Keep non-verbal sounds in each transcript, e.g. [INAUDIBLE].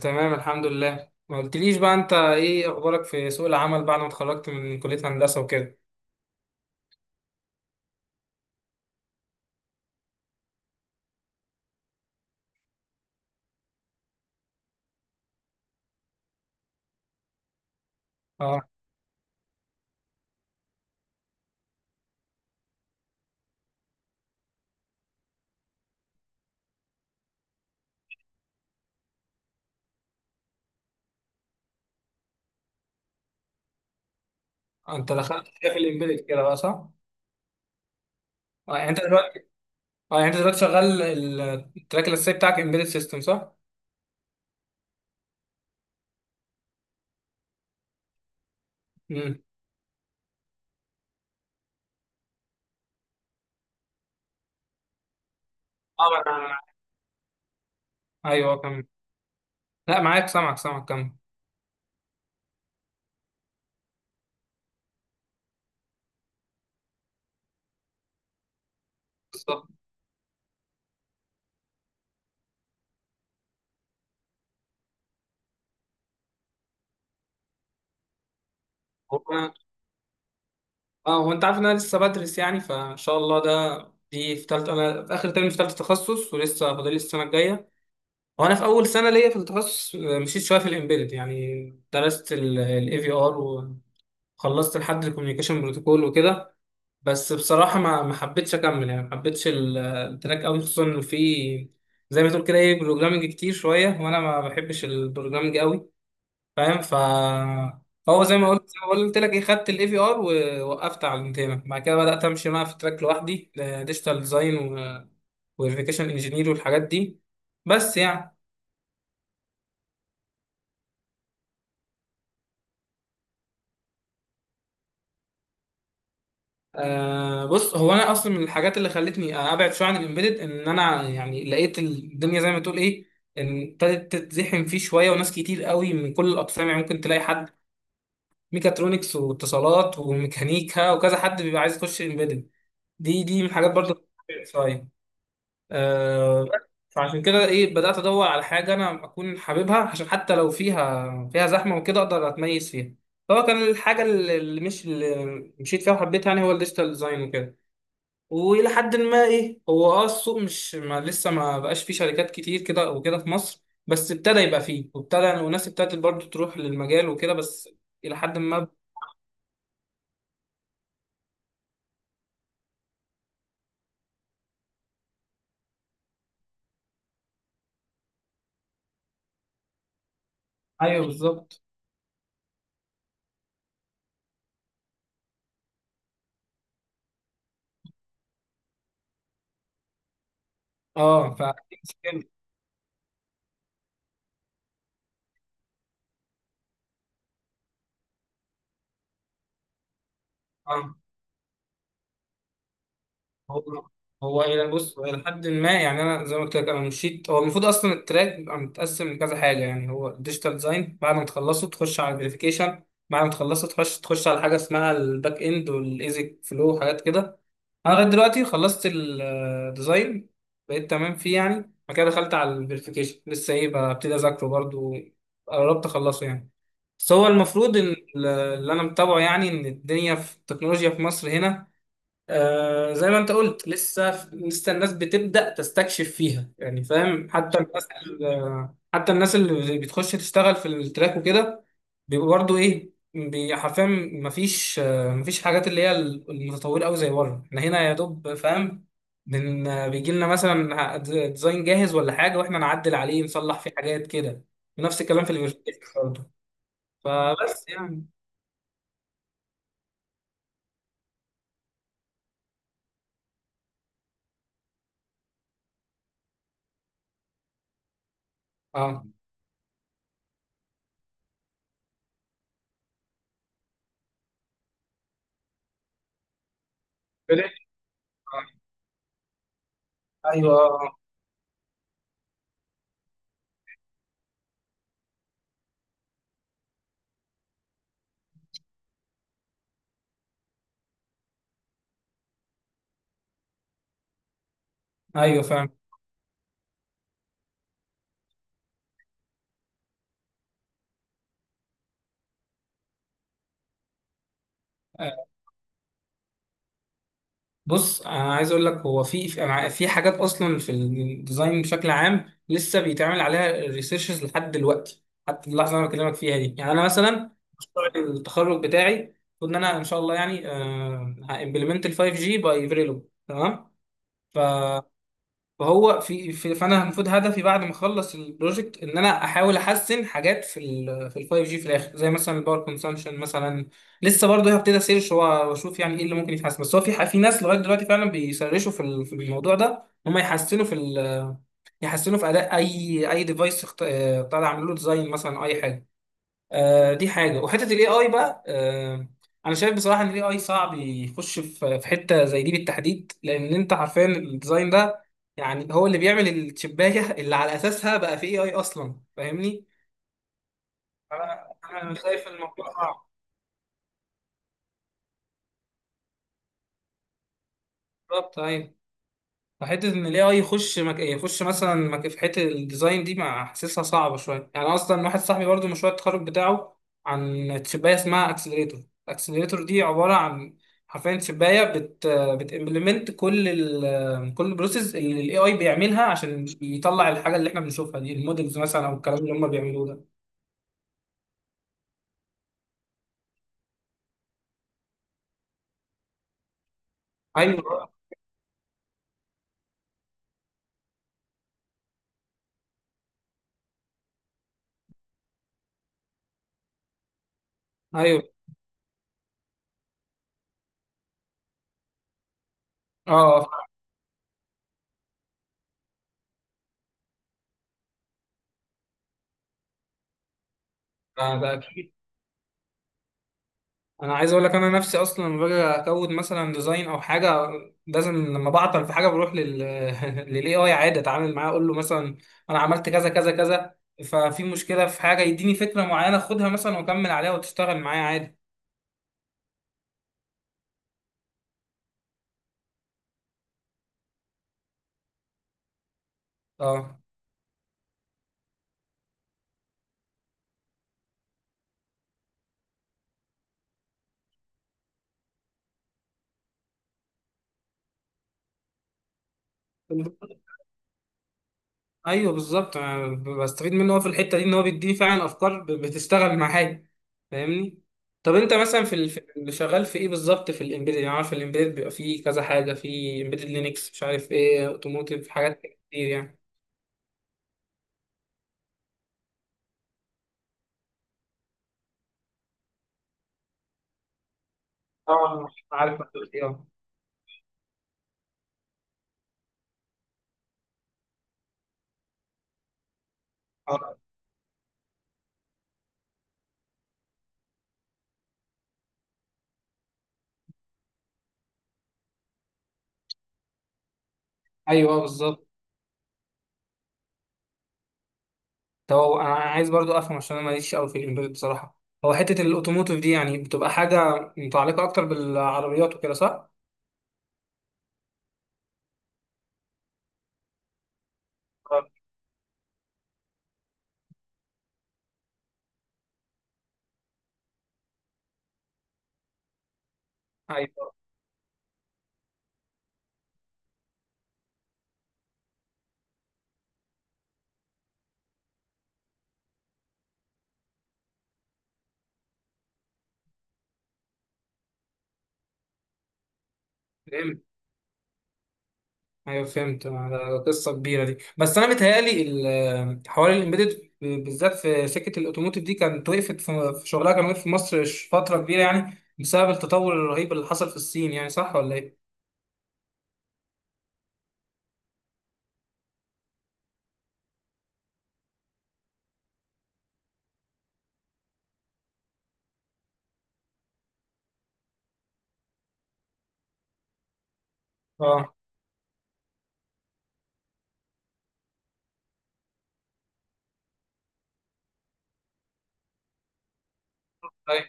تمام، الحمد لله. ما قلتليش بقى انت ايه اخبارك في سوق العمل بعد ما اتخرجت من كلية هندسة وكده؟ اه انت دخلت في الامبيدد كده بقى صح؟ اه يعني انت دلوقتي اه يعني انت دلوقتي شغال التراك الاساسي بتاعك امبيدد سيستم صح؟ امم اه انا ايوه كمل. لا معاك، سامعك سامعك، كمل. بالظبط. هو أنا- اه هو انت عارف ان انا لسه بدرس، يعني فان شاء الله ده دي في ثالثه. انا في اخر ترم في ثالثه تخصص ولسه فاضل لي السنه الجايه، وانا في اول سنه ليا في التخصص. مشيت شويه في الامبيدد يعني. درست الاي في ار، وخلصت لحد الكوميونيكيشن بروتوكول وكده. بس بصراحه ما حبيتش اكمل، يعني ما حبيتش التراك قوي، خصوصا انه في، زي ما تقول كده ايه، بروجرامنج كتير شويه، وانا ما بحبش البروجرامنج قوي، فاهم؟ هو زي ما قلت لك ايه، خدت الاي في ار ووقفت على الانتهاء، بعد كده بدات امشي بقى في تراك لوحدي، ديجيتال ديزاين وفيريفيكيشن انجينير والحاجات دي. بس يعني بص، هو انا اصلا من الحاجات اللي خلتني ابعد شويه عن الامبيدد ان انا يعني لقيت الدنيا زي ما تقول ايه، ان ابتدت تتزحم فيه شويه وناس كتير قوي من كل الاقسام، يعني ممكن تلاقي حد ميكاترونكس واتصالات وميكانيكا وكذا حد بيبقى عايز يخش امبيدد. دي من الحاجات برضه شويه. آه بس، فعشان كده ايه، بدات ادور على حاجه انا اكون حاببها، عشان حتى لو فيها زحمه وكده اقدر اتميز فيها. فهو كان الحاجه اللي اللي مش اللي مشيت فيها وحبيتها يعني هو الديجيتال ديزاين وكده. والى حد ما ايه، هو السوق مش ما لسه ما بقاش فيه شركات كتير كده وكده في مصر، بس ابتدى يبقى فيه، وابتدى وناس ابتدت برضه تروح للمجال وكده، بس الى حد ما. ايوه بالظبط. اه ف [LAUGHS] اه هو هو الى بص، هو الى حد ما يعني، انا زي ما قلت لك انا مشيت، هو المفروض اصلا التراك بيبقى متقسم لكذا حاجه، يعني هو ديجيتال ديزاين بعد ما تخلصه تخش على الفيريفيكيشن، بعد ما تخلصه تخش على حاجه اسمها الباك اند والايزك فلو وحاجات كده. انا لغايه دلوقتي خلصت الديزاين، بقيت تمام فيه يعني. بعد كده دخلت على الفيريفيكيشن، لسه ايه ببتدي اذاكره برضو، قربت اخلصه يعني. بس هو المفروض ان اللي انا متابعه يعني ان الدنيا في التكنولوجيا في مصر هنا، زي ما انت قلت، لسه الناس بتبدأ تستكشف فيها، يعني فاهم؟ حتى حتى الناس اللي بتخش تشتغل في التراك وكده بيبقوا برضه ايه، حرفيا مفيش حاجات اللي هي المتطورة قوي زي بره، احنا هنا يا دوب فاهم. بن آه، بيجي لنا مثلا ديزاين جاهز ولا حاجة واحنا نعدل عليه، نصلح فيه حاجات كده. ونفس الكلام في الفيرتيكس برضه. فبس يعني. اه ايوه، ايوه فاهم. بص، انا عايز اقول لك هو في حاجات اصلا في الديزاين بشكل عام لسه بيتعمل عليها ريسيرشز لحد دلوقتي، حتى اللحظه اللي انا بكلمك فيها دي. يعني انا مثلا مشروع التخرج بتاعي المفروض ان انا ان شاء الله يعني امبلمنت ال 5G باي فيريلوج. تمام. فهو في, في فانا المفروض هدفي بعد ما اخلص البروجكت ان انا احاول احسن حاجات في ال 5G في الاخر، زي مثلا الباور كونسامشن مثلا. لسه برضه هبتدي اسيرش واشوف يعني ايه اللي ممكن يتحسن. بس هو في في ناس لغايه دلوقتي فعلا بيسرشوا في في الموضوع ده، هم يحسنوا في يحسنوا في اداء اي اي ديفايس، طالع عامل له ديزاين مثلا أو اي حاجه. دي حاجه. وحته الاي اي بقى، انا شايف بصراحه ان الاي اي صعب يخش في حته زي دي بالتحديد، لان انت عارفين الديزاين ده يعني هو اللي بيعمل الشبايه اللي على اساسها بقى في اي اي اصلا، فاهمني؟ فانا شايف الموضوع صعب. بالظبط ايوه. فحته ان الاي اي يخش مثلا في حته الديزاين دي ما حاسسها صعبه شويه يعني. اصلا واحد صاحبي برضه مشروع التخرج بتاعه عن تشبايه اسمها اكسلريتور. الاكسلريتور دي عباره عن، حرفيا، تشبايه بتimplement كل البروسيس اللي الاي اي بيعملها عشان يطلع الحاجه اللي احنا بنشوفها دي، المودلز مثلا او الكلام اللي هم بيعملوه ده. ايوه، ايوه. اه ده، انا عايز اقول لك، انا نفسي اصلا لما باجي اكود مثلا ديزاين او حاجه، لازم لما بعطل في حاجه بروح لل [LAUGHS] للاي اي عادي، اتعامل معاه اقول له مثلا انا عملت كذا كذا كذا، ففي مشكله في حاجه، يديني فكره معينه خدها مثلا واكمل عليها وتشتغل معايا عادي. اه ايوه بالظبط، أنا بستفيد منه هو في الحته دي، ان هو بيديني فعلا افكار بتشتغل معايا، فاهمني؟ طب انت مثلا في في اللي شغال في ايه بالظبط في الامبيدد؟ يعني عارف الامبيدد بيبقى فيه كذا حاجه، في امبيدد لينكس، مش عارف ايه، اوتوموتيف، حاجات كتير يعني. اه عارف هتقول ايه، آه، ايوه. بالظبط. طب هو انا عايز برضو افهم، عشان انا ماليش قوي في الامبيدد بصراحه، هو حته الاوتوموتيف دي يعني بتبقى حاجه متعلقه اكتر بالعربيات وكده صح؟ آه. ايوه، ايوه فهمت. ده قصه كبيره دي. بس انا متهيألي حوار الامبيدد بالذات في سكه الاوتوموتيف دي كانت وقفت في شغلها، كان وقف في مصر فتره كبيره يعني، بسبب التطور الرهيب اللي حصل في الصين، يعني صح ولا ايه؟ اه طيب.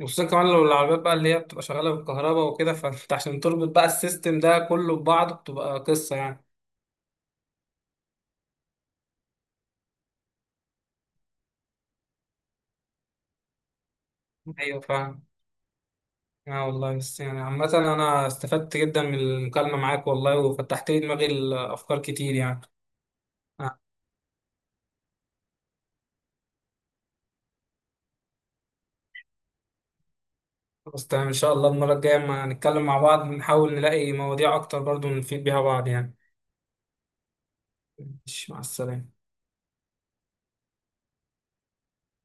وخصوصا كمان لو العربيات بقى اللي هي بتبقى شغاله بالكهرباء وكده، فانت [LAUGHS] عشان تربط بقى السيستم ده كله ببعضه بتبقى قصه يعني. ايوه فاهم. اه والله، بس يعني عامة انا استفدت جدا من المكالمة معاك والله، وفتحت لي دماغي الافكار كتير يعني. خلاص، تمام، ان شاء الله المره الجايه اما نتكلم مع بعض نحاول نلاقي مواضيع اكتر برضو نفيد بيها بعض يعني. ماشي، مع السلامه.